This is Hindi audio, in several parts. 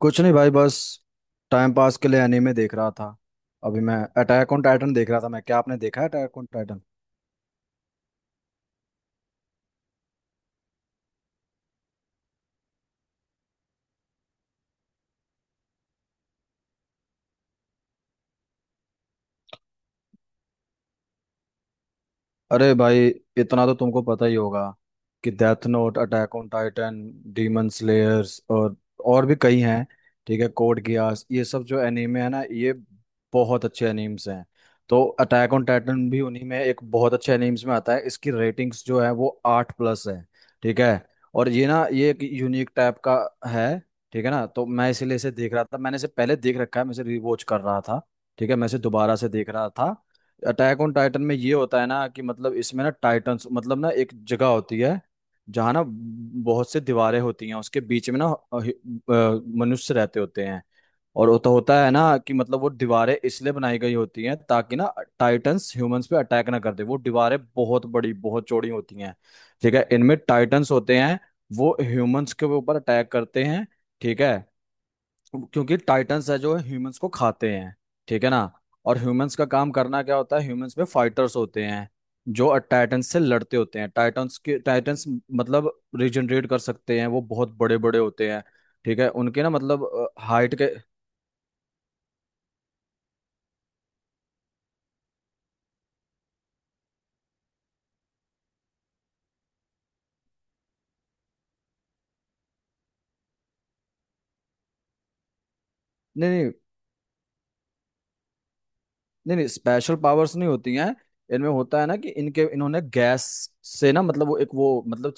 कुछ नहीं भाई, बस टाइम पास के लिए एनीमे देख रहा था। अभी मैं अटैक ऑन टाइटन देख रहा था। मैं, क्या आपने देखा है अटैक ऑन टाइटन? अरे भाई, इतना तो तुमको पता ही होगा कि Death Note, Attack on Titan, Demon Slayers और भी कई हैं। ठीक है, कोड गियास, ये सब जो एनीमे है ना, ये बहुत अच्छे एनीम्स हैं। तो अटैक ऑन टाइटन भी उन्हीं में एक बहुत अच्छे एनीम्स में आता है। इसकी रेटिंग्स जो है वो 8+ है। ठीक है, और ये ना, ये एक यूनिक टाइप का है। ठीक है ना, तो मैं इसीलिए इसे देख रहा था। मैंने इसे पहले देख रखा है, मैं इसे रिवॉच कर रहा था। ठीक है, मैं इसे दोबारा से देख रहा था। अटैक ऑन टाइटन में ये होता है ना कि मतलब इसमें ना टाइटन्स, मतलब ना एक जगह होती है जहाँ ना बहुत से दीवारें होती हैं। उसके बीच में ना अ, हि- मनुष्य रहते होते हैं। और होता होता है ना कि मतलब वो दीवारें इसलिए बनाई गई होती हैं ताकि ना टाइटन्स ह्यूमंस पे अटैक ना कर दे। वो दीवारें बहुत बड़ी, बहुत चौड़ी होती हैं। ठीक है, इनमें टाइटन्स होते हैं। वो ह्यूमंस के ऊपर अटैक करते हैं। ठीक है, क्योंकि टाइटंस है जो ह्यूमंस को खाते हैं। ठीक है ना, और ह्यूमंस का काम करना क्या होता है, ह्यूमंस में फाइटर्स होते हैं जो टाइटंस से लड़ते होते हैं। टाइटंस मतलब रिजनरेट कर सकते हैं। वो बहुत बड़े बड़े होते हैं। ठीक है, उनके ना, मतलब हाइट के। नहीं नहीं, नहीं नहीं, स्पेशल पावर्स नहीं होती हैं। इनमें होता है ना कि इनके, इन्होंने गैस से ना, मतलब वो एक, वो मतलब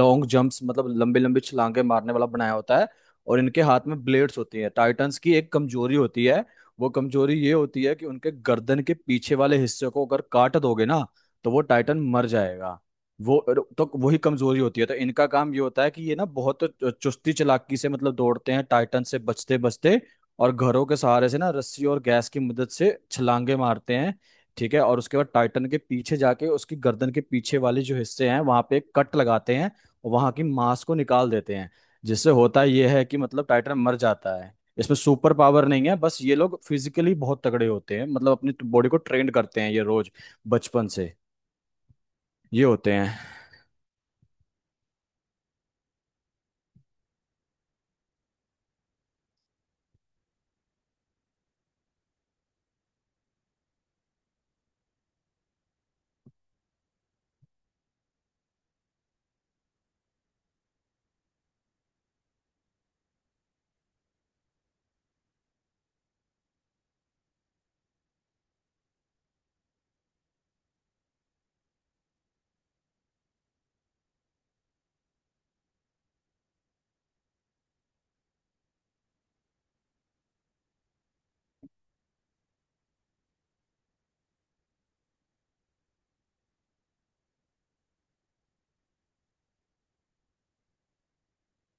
लॉन्ग जंप्स, मतलब लंबे लंबे छलांगे मारने वाला बनाया होता है। और इनके हाथ में ब्लेड्स होती हैं। टाइटंस की एक कमजोरी होती है। वो कमजोरी ये होती है कि उनके गर्दन के पीछे वाले हिस्से को अगर काट दोगे ना, तो वो टाइटन मर जाएगा। वो तो वही कमजोरी होती है। तो इनका काम ये होता है कि ये ना बहुत चुस्ती चालाकी से, मतलब दौड़ते हैं, टाइटन से बचते बचते, और घरों के सहारे से ना, रस्सी और गैस की मदद से छलांगे मारते हैं। ठीक है, और उसके बाद टाइटन के पीछे जाके उसकी गर्दन के पीछे वाले जो हिस्से हैं वहां पे एक कट लगाते हैं और वहां की मांस को निकाल देते हैं। जिससे होता यह है कि मतलब टाइटन मर जाता है। इसमें सुपर पावर नहीं है, बस ये लोग फिजिकली बहुत तगड़े होते हैं। मतलब अपनी बॉडी को ट्रेंड करते हैं ये, रोज बचपन से ये होते हैं।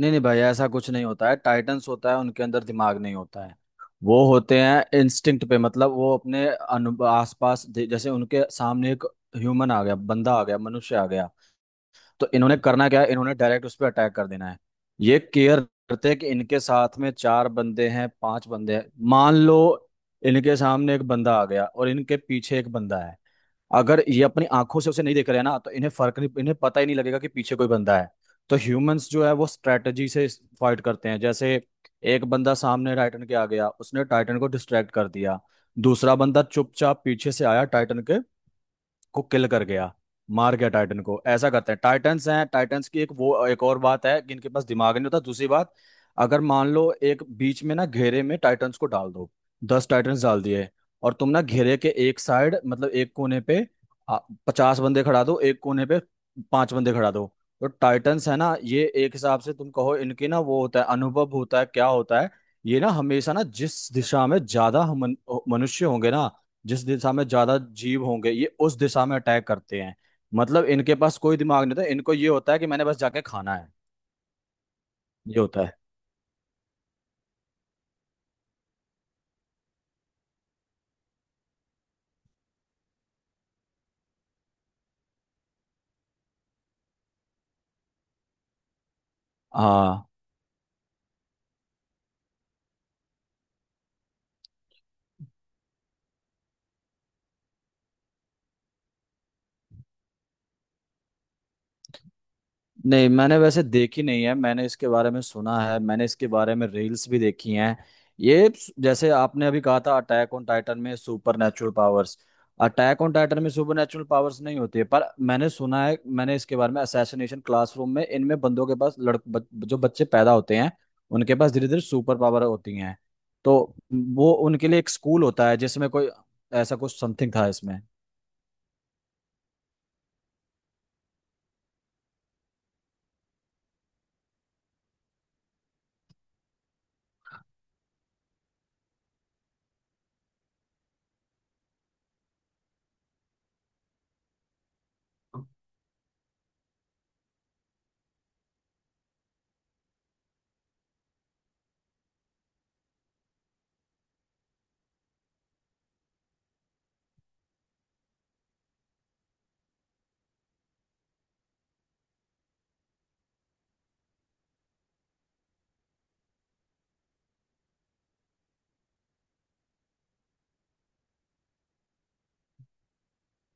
नहीं नहीं भाई, ऐसा कुछ नहीं होता है। टाइटंस होता है, उनके अंदर दिमाग नहीं होता है। वो होते हैं इंस्टिंक्ट पे। मतलब वो अपने अनु आसपास जैसे उनके सामने एक ह्यूमन आ गया, बंदा आ गया, मनुष्य आ गया, तो इन्होंने करना क्या है, इन्होंने डायरेक्ट उस पर अटैक कर देना है। ये केयर करते हैं कि इनके साथ में चार बंदे हैं, पांच बंदे हैं, मान लो इनके सामने एक बंदा आ गया और इनके पीछे एक बंदा है। अगर ये अपनी आंखों से उसे नहीं देख रहे हैं ना, तो इन्हें फर्क नहीं, इन्हें पता ही नहीं लगेगा कि पीछे कोई बंदा है। तो ह्यूमंस जो है वो स्ट्रेटजी से फाइट करते हैं। जैसे एक बंदा सामने टाइटन के आ गया, उसने टाइटन को डिस्ट्रैक्ट कर दिया, दूसरा बंदा चुपचाप पीछे से आया टाइटन के को किल कर गया, मार गया टाइटन को। ऐसा करते हैं। टाइटन्स हैं, टाइटन्स की एक वो, एक और बात है कि इनके पास दिमाग नहीं होता। दूसरी बात, अगर मान लो एक बीच में ना घेरे में टाइटन्स को डाल दो, 10 टाइटन्स डाल दिए, और तुम ना घेरे के एक साइड, मतलब एक कोने पे आ, 50 बंदे खड़ा दो, एक कोने पे पांच बंदे खड़ा दो, तो टाइटन्स है ना ये, एक हिसाब से तुम कहो इनके ना वो होता है, अनुभव होता है, क्या होता है, ये ना हमेशा ना जिस दिशा में ज्यादा मनुष्य होंगे ना, जिस दिशा में ज्यादा जीव होंगे, ये उस दिशा में अटैक करते हैं। मतलब इनके पास कोई दिमाग नहीं होता। इनको ये होता है कि मैंने बस जाके खाना है। ये होता है। हाँ, नहीं, मैंने वैसे देखी नहीं है, मैंने इसके बारे में सुना है, मैंने इसके बारे में रील्स भी देखी हैं। जैसे आपने अभी कहा था अटैक ऑन टाइटन में supernatural powers, Attack on Titan में सुपर नेचुरल पावर्स नहीं होती है। पर मैंने सुना है, मैंने इसके बारे में असैसिनेशन क्लासरूम में इनमें बंदों के पास जो बच्चे पैदा होते हैं उनके पास धीरे धीरे सुपर पावर होती हैं। तो वो उनके लिए एक स्कूल होता है जिसमें कोई ऐसा कुछ समथिंग था इसमें।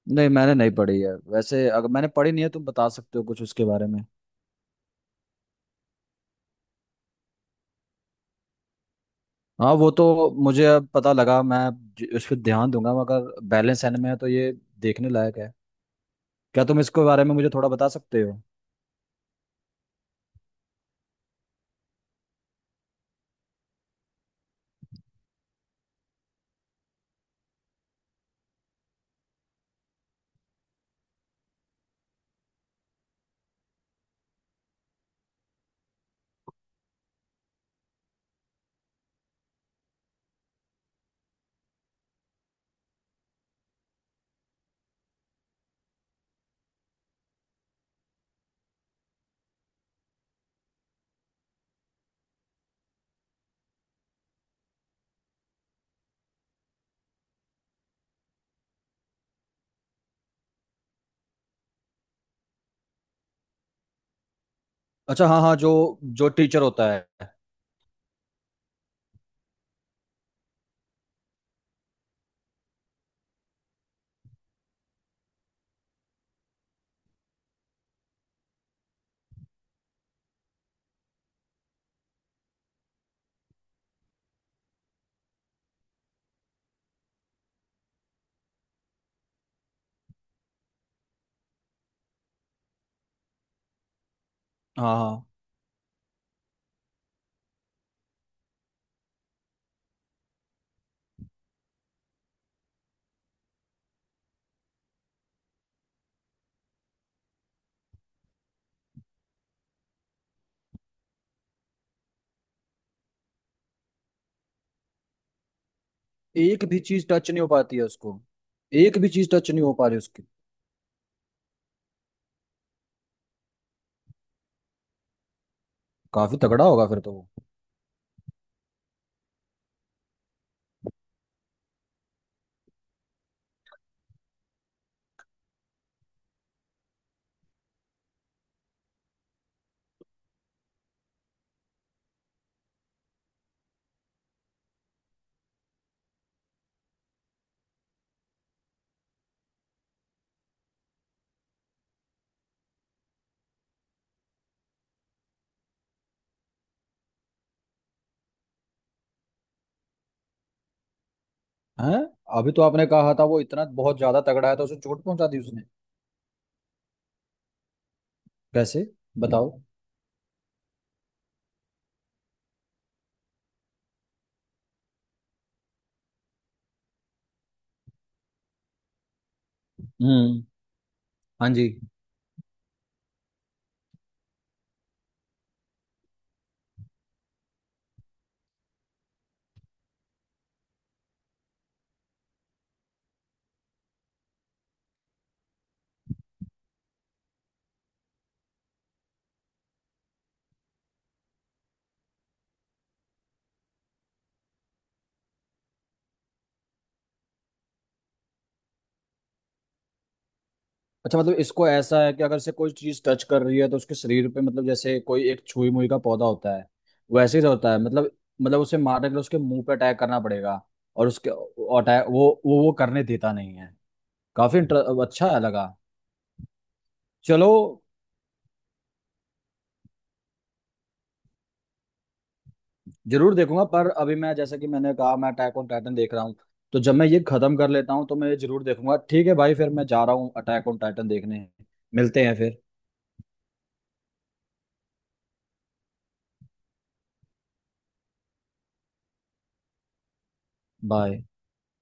नहीं, मैंने नहीं पढ़ी है वैसे। अगर मैंने पढ़ी नहीं है, तुम बता सकते हो कुछ उसके बारे में? हाँ, वो तो मुझे अब पता लगा। मैं इस पर ध्यान दूंगा। मगर बैलेंस एनमे में है तो ये देखने लायक है। क्या तुम इसके बारे में मुझे थोड़ा बता सकते हो? अच्छा, हाँ हाँ, जो जो टीचर होता है। हाँ हाँ, एक भी चीज टच नहीं हो पाती है उसको। एक भी चीज टच नहीं हो पा रही उसकी। काफी तगड़ा होगा फिर तो वो है। अभी तो आपने कहा था वो इतना बहुत ज्यादा तगड़ा है, तो उसे चोट पहुंचा दी उसने? कैसे? बताओ। हम्म। हाँ जी। अच्छा, मतलब इसको ऐसा है कि अगर से कोई चीज टच कर रही है तो उसके शरीर पे, मतलब जैसे कोई एक छुई मुई का पौधा होता है वैसे ही होता है। मतलब, मतलब उसे मारने के लिए उसके मुंह पे अटैक करना पड़ेगा। और उसके अटैक, वो करने देता नहीं है। काफी अच्छा लगा। चलो, जरूर देखूंगा। पर अभी मैं, जैसा कि मैंने कहा, मैं अटैक ऑन टाइटन देख रहा हूँ। तो जब मैं ये खत्म कर लेता हूँ, तो मैं ये जरूर देखूंगा। ठीक है भाई, फिर मैं जा रहा हूँ अटैक ऑन टाइटन देखने। मिलते हैं फिर। बाय।